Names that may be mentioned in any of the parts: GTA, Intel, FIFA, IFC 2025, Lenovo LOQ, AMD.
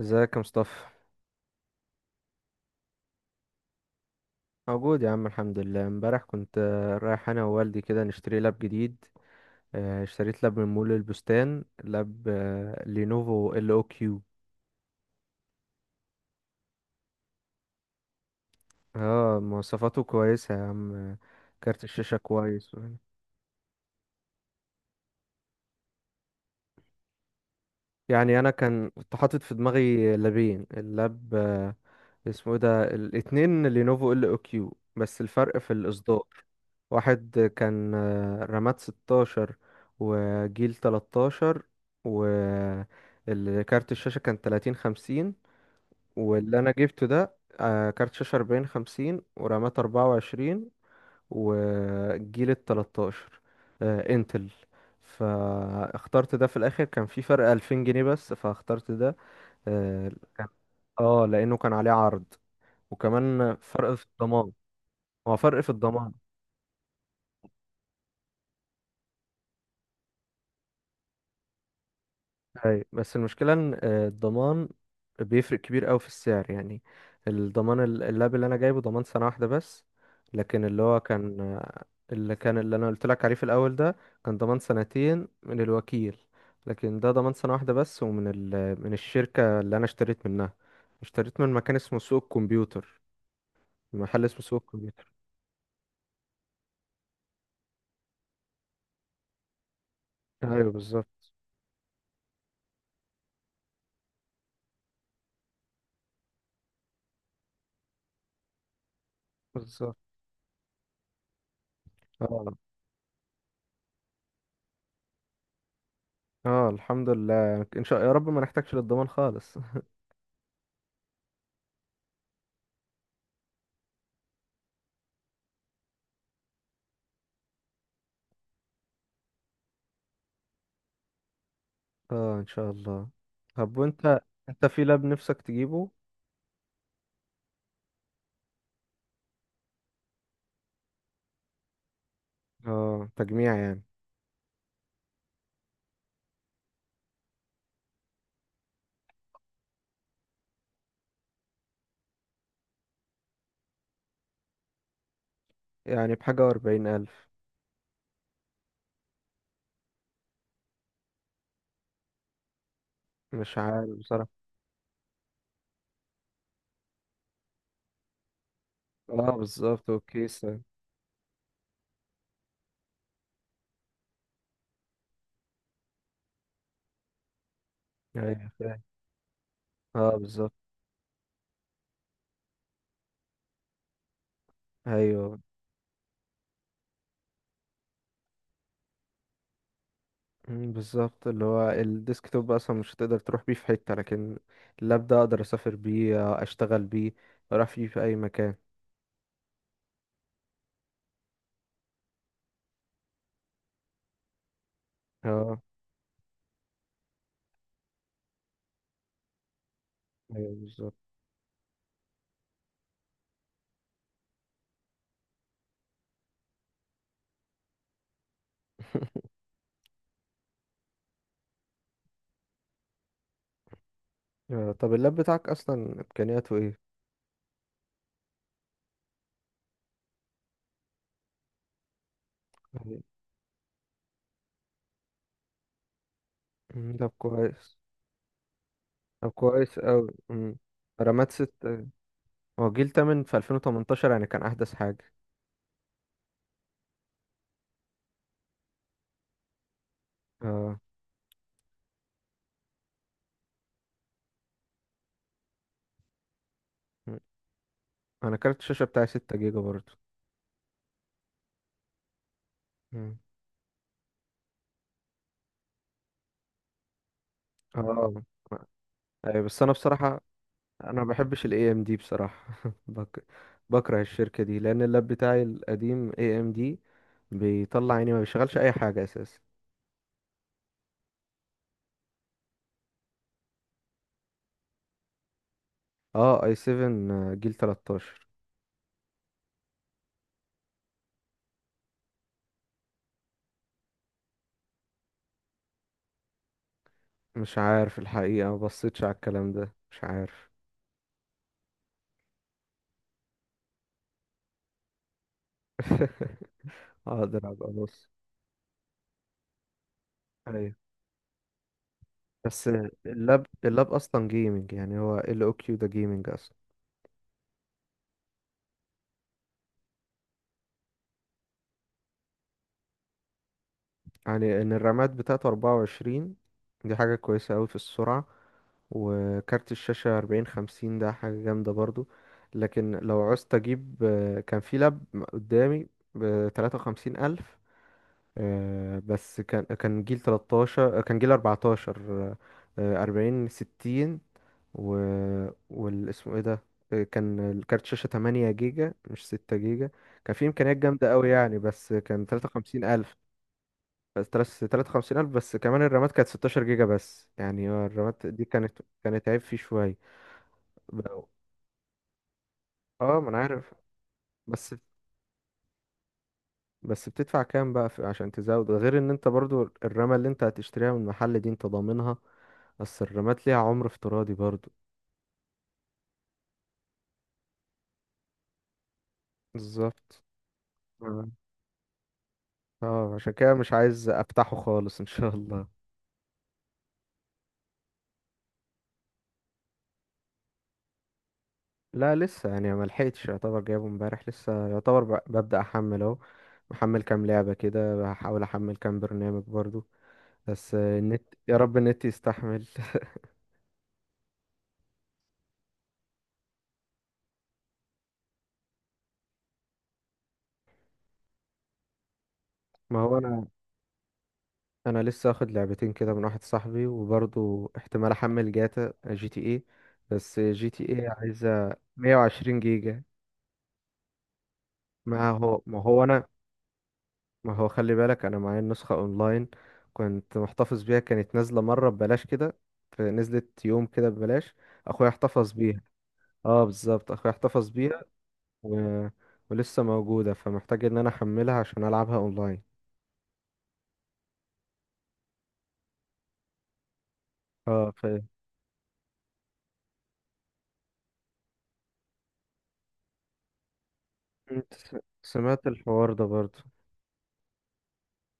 ازيك يا مصطفى؟ موجود يا عم الحمد لله. امبارح كنت رايح انا ووالدي كده نشتري لاب جديد. اشتريت لاب من مول البستان. لاب لينوفو ال او كيو. اه، مواصفاته كويسة يا عم. كارت الشاشة كويس. يعني انا كان كنت حاطط في دماغي لابين. اللاب اسمه ايه ده، الاتنين لينوفو ال او كيو بس الفرق في الاصدار. واحد كان رامات 16 وجيل 13 وكارت الشاشة كان 30 50. واللي انا جبته ده كارت شاشة 40 50 ورامات 24، والجيل ال 13 انتل. فاخترت ده. في الاخر كان في فرق 2000 جنيه بس فاخترت ده. اه كان- لانه كان عليه عرض وكمان فرق في الضمان. هو فرق في الضمان. أي بس المشكلة إن الضمان بيفرق كبير أوي في السعر يعني. اللاب اللي أنا جايبه ضمان سنة واحدة بس. لكن اللي هو كان اللي كان اللي أنا قلت لك عليه في الأول ده كان ضمان سنتين من الوكيل. لكن ده ضمان سنة واحدة بس من الشركة اللي أنا اشتريت منها. اشتريت من مكان اسمه سوق الكمبيوتر. محل اسمه سوق الكمبيوتر. ايوه بالظبط. بالظبط. اه. اه الحمد لله، ان شاء يا رب ما نحتاجش للضمان خالص. اه ان شاء الله. طب وانت، انت في لاب نفسك تجيبه؟ اه تجميع يعني. يعني بحاجة وأربعين ألف. مش عارف بصراحة. اه بالظبط وكيسة. ايوه فاهم. اه بالظبط. ايوه. مم، بالظبط. اللي هو الديسكتوب اصلا مش هتقدر تروح بيه في حتة، لكن اللاب ده اقدر اسافر بيه، اشتغل بيه، اروح بيه في اي مكان. اه. ايوه بالظبط. طب اللاب بتاعك اصلا امكانياته ايه؟ طيب. مم، طب كويس. طب كويس اوي. مم. رامات 6. هو الجيل التامن في 2018 يعني كان أحدث حاجة. اه. م. أنا كارت الشاشة بتاعي 6 جيجا برضه. م. اه أيوة. بس أنا بصراحة، أنا ما بحبش ال AMD بصراحة. بك... بكره الشركة دي لأن اللاب بتاعي القديم AMD بيطلع عيني، ما بيشغلش أي حاجة أساسا. اه اي 7 جيل 13. مش عارف الحقيقة، ما بصيتش على الكلام ده، مش عارف. اقدر ابقى بص. ايوه بس اللاب اصلا جيمنج يعني، هو ال او كيو ده جيمنج. يعني ان الرامات بتاعته 24، دي حاجة كويسة قوي في السرعة. وكارت الشاشة 40 50 ده حاجة جامدة برضو. لكن لو عوزت اجيب كان في لاب قدامي ب 53 ألف، بس كان جيل 13، كان جيل 14، 40 60، و والاسمه ايه ده كان الكارت شاشة 8 جيجا مش 6 جيجا. كان في إمكانيات جامدة قوي يعني، بس كان 53 ألف. بس تلات تلاتة وخمسين ألف، بس كمان الرامات كانت 16 جيجا بس. يعني هو الرامات دي كانت عيب فيه شوية. ب- اه ما أنا عارف. بس بس بتدفع كام بقى في عشان تزود، غير ان انت برضو الرامة اللي انت هتشتريها من المحل دي انت ضامنها. بس الرامات ليها عمر افتراضي برضو. بالظبط. اه. عشان كده مش عايز افتحه خالص ان شاء الله. لا لسه، يعني ما لحقتش. يعتبر جايبه امبارح لسه. يعتبر ببدأ احمل اهو. محمل كام لعبة كده، بحاول احمل كام برنامج برضو. بس النت، يا رب النت يستحمل. ما هو انا لسه اخد لعبتين كده من واحد صاحبي، وبرضه احتمال احمل جاتا جي تي اي، بس جي تي اي عايزه 120 جيجا. ما هو ما هو انا ما هو خلي بالك، انا معايا النسخه اونلاين. كنت محتفظ بيها، كانت نازله مره ببلاش كده، فنزلت يوم كده ببلاش. اخويا احتفظ بيها. اه بالظبط اخويا احتفظ بيها. و... ولسه موجوده، فمحتاج ان انا احملها عشان العبها اونلاين. اه انت س- سمعت الحوار ده برضه.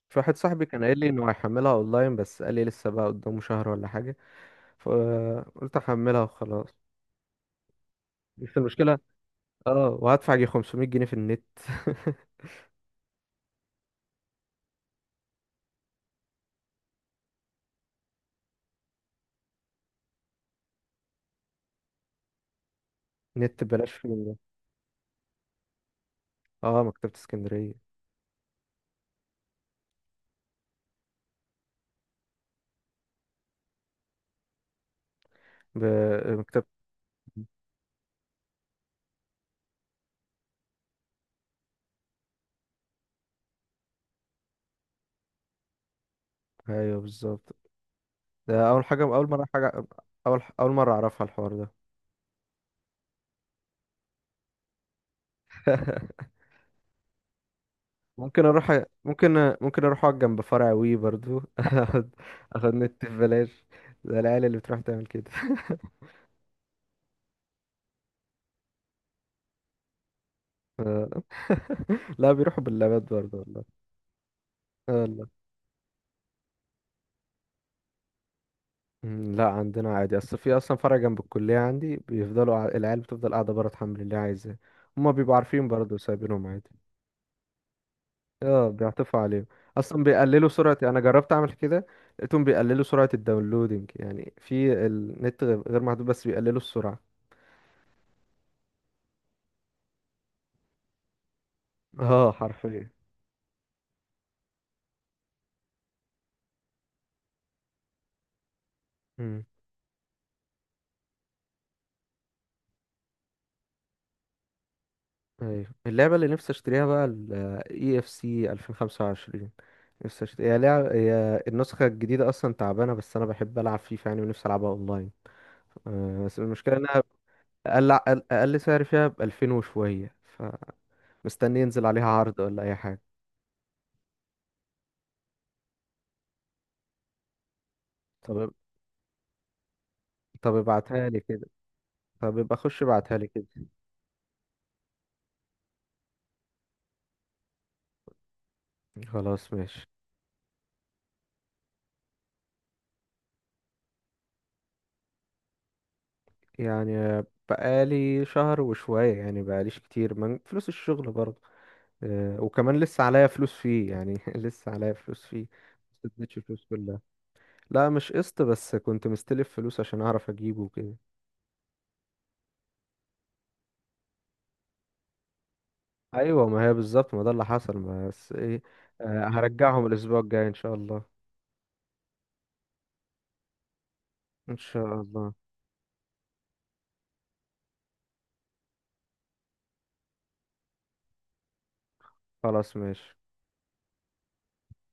في واحد صاحبي كان قايل لي انه هيحملها اونلاين، بس قال لي لسه بقى قدامه شهر ولا حاجه، فقلت احملها وخلاص. بس المشكله اه وهدفع جي 500 جنيه في النت. نت ببلاش فين ده؟ اه مكتبه اسكندريه. ب... مكتبه. ايوه بالظبط. ده اول حاجه، اول مره حاجه، اول مره اعرفها الحوار ده. ممكن اروح، ممكن اروح اقعد جنب فرع وي برضو. اخد، اخد نت ببلاش. ده العيال اللي بتروح تعمل كده. آه. لا بيروحوا باللابات برضه والله. آه والله. مم، لا عندنا عادي. اصل في اصلا فرع جنب الكليه عندي بيفضلوا العيال بتفضل قاعده بره تحمل اللي عايزاه. هما بيبقوا عارفين برضه سايبينهم عادي. اه بيعطفوا عليهم. اصلا بيقللوا سرعه. انا جربت اعمل كده، لقيتهم بيقللوا سرعه الداونلودنج. يعني في النت غير محدود، بس بيقللوا السرعه. اه حرفيا. مم. ايوه اللعبه اللي نفسي اشتريها بقى ال اي اف سي 2025. هي النسخة الجديدة أصلا تعبانة، بس أنا بحب ألعب فيفا يعني، ونفسي ألعبها أونلاين. بس المشكلة إنها أقل أقل سعر فيها بألفين وشوية، فمستني ينزل عليها عرض ولا أي حاجة. طب طب ابعتها لي كده. طب ابقى أخش ابعتها لي كده. خلاص ماشي. يعني بقالي شهر وشوية، يعني بقاليش كتير من فلوس الشغل برضه. وكمان لسه عليا فلوس فيه يعني. لسه عليا فلوس فيه. ما سددتش الفلوس كلها. لا مش قسط، بس كنت مستلف فلوس عشان اعرف اجيبه وكده. ايوه ما هي بالظبط، ما ده اللي حصل بس ايه. هرجعهم الاسبوع الجاي ان شاء الله. ان شاء الله. خلاص ماشي.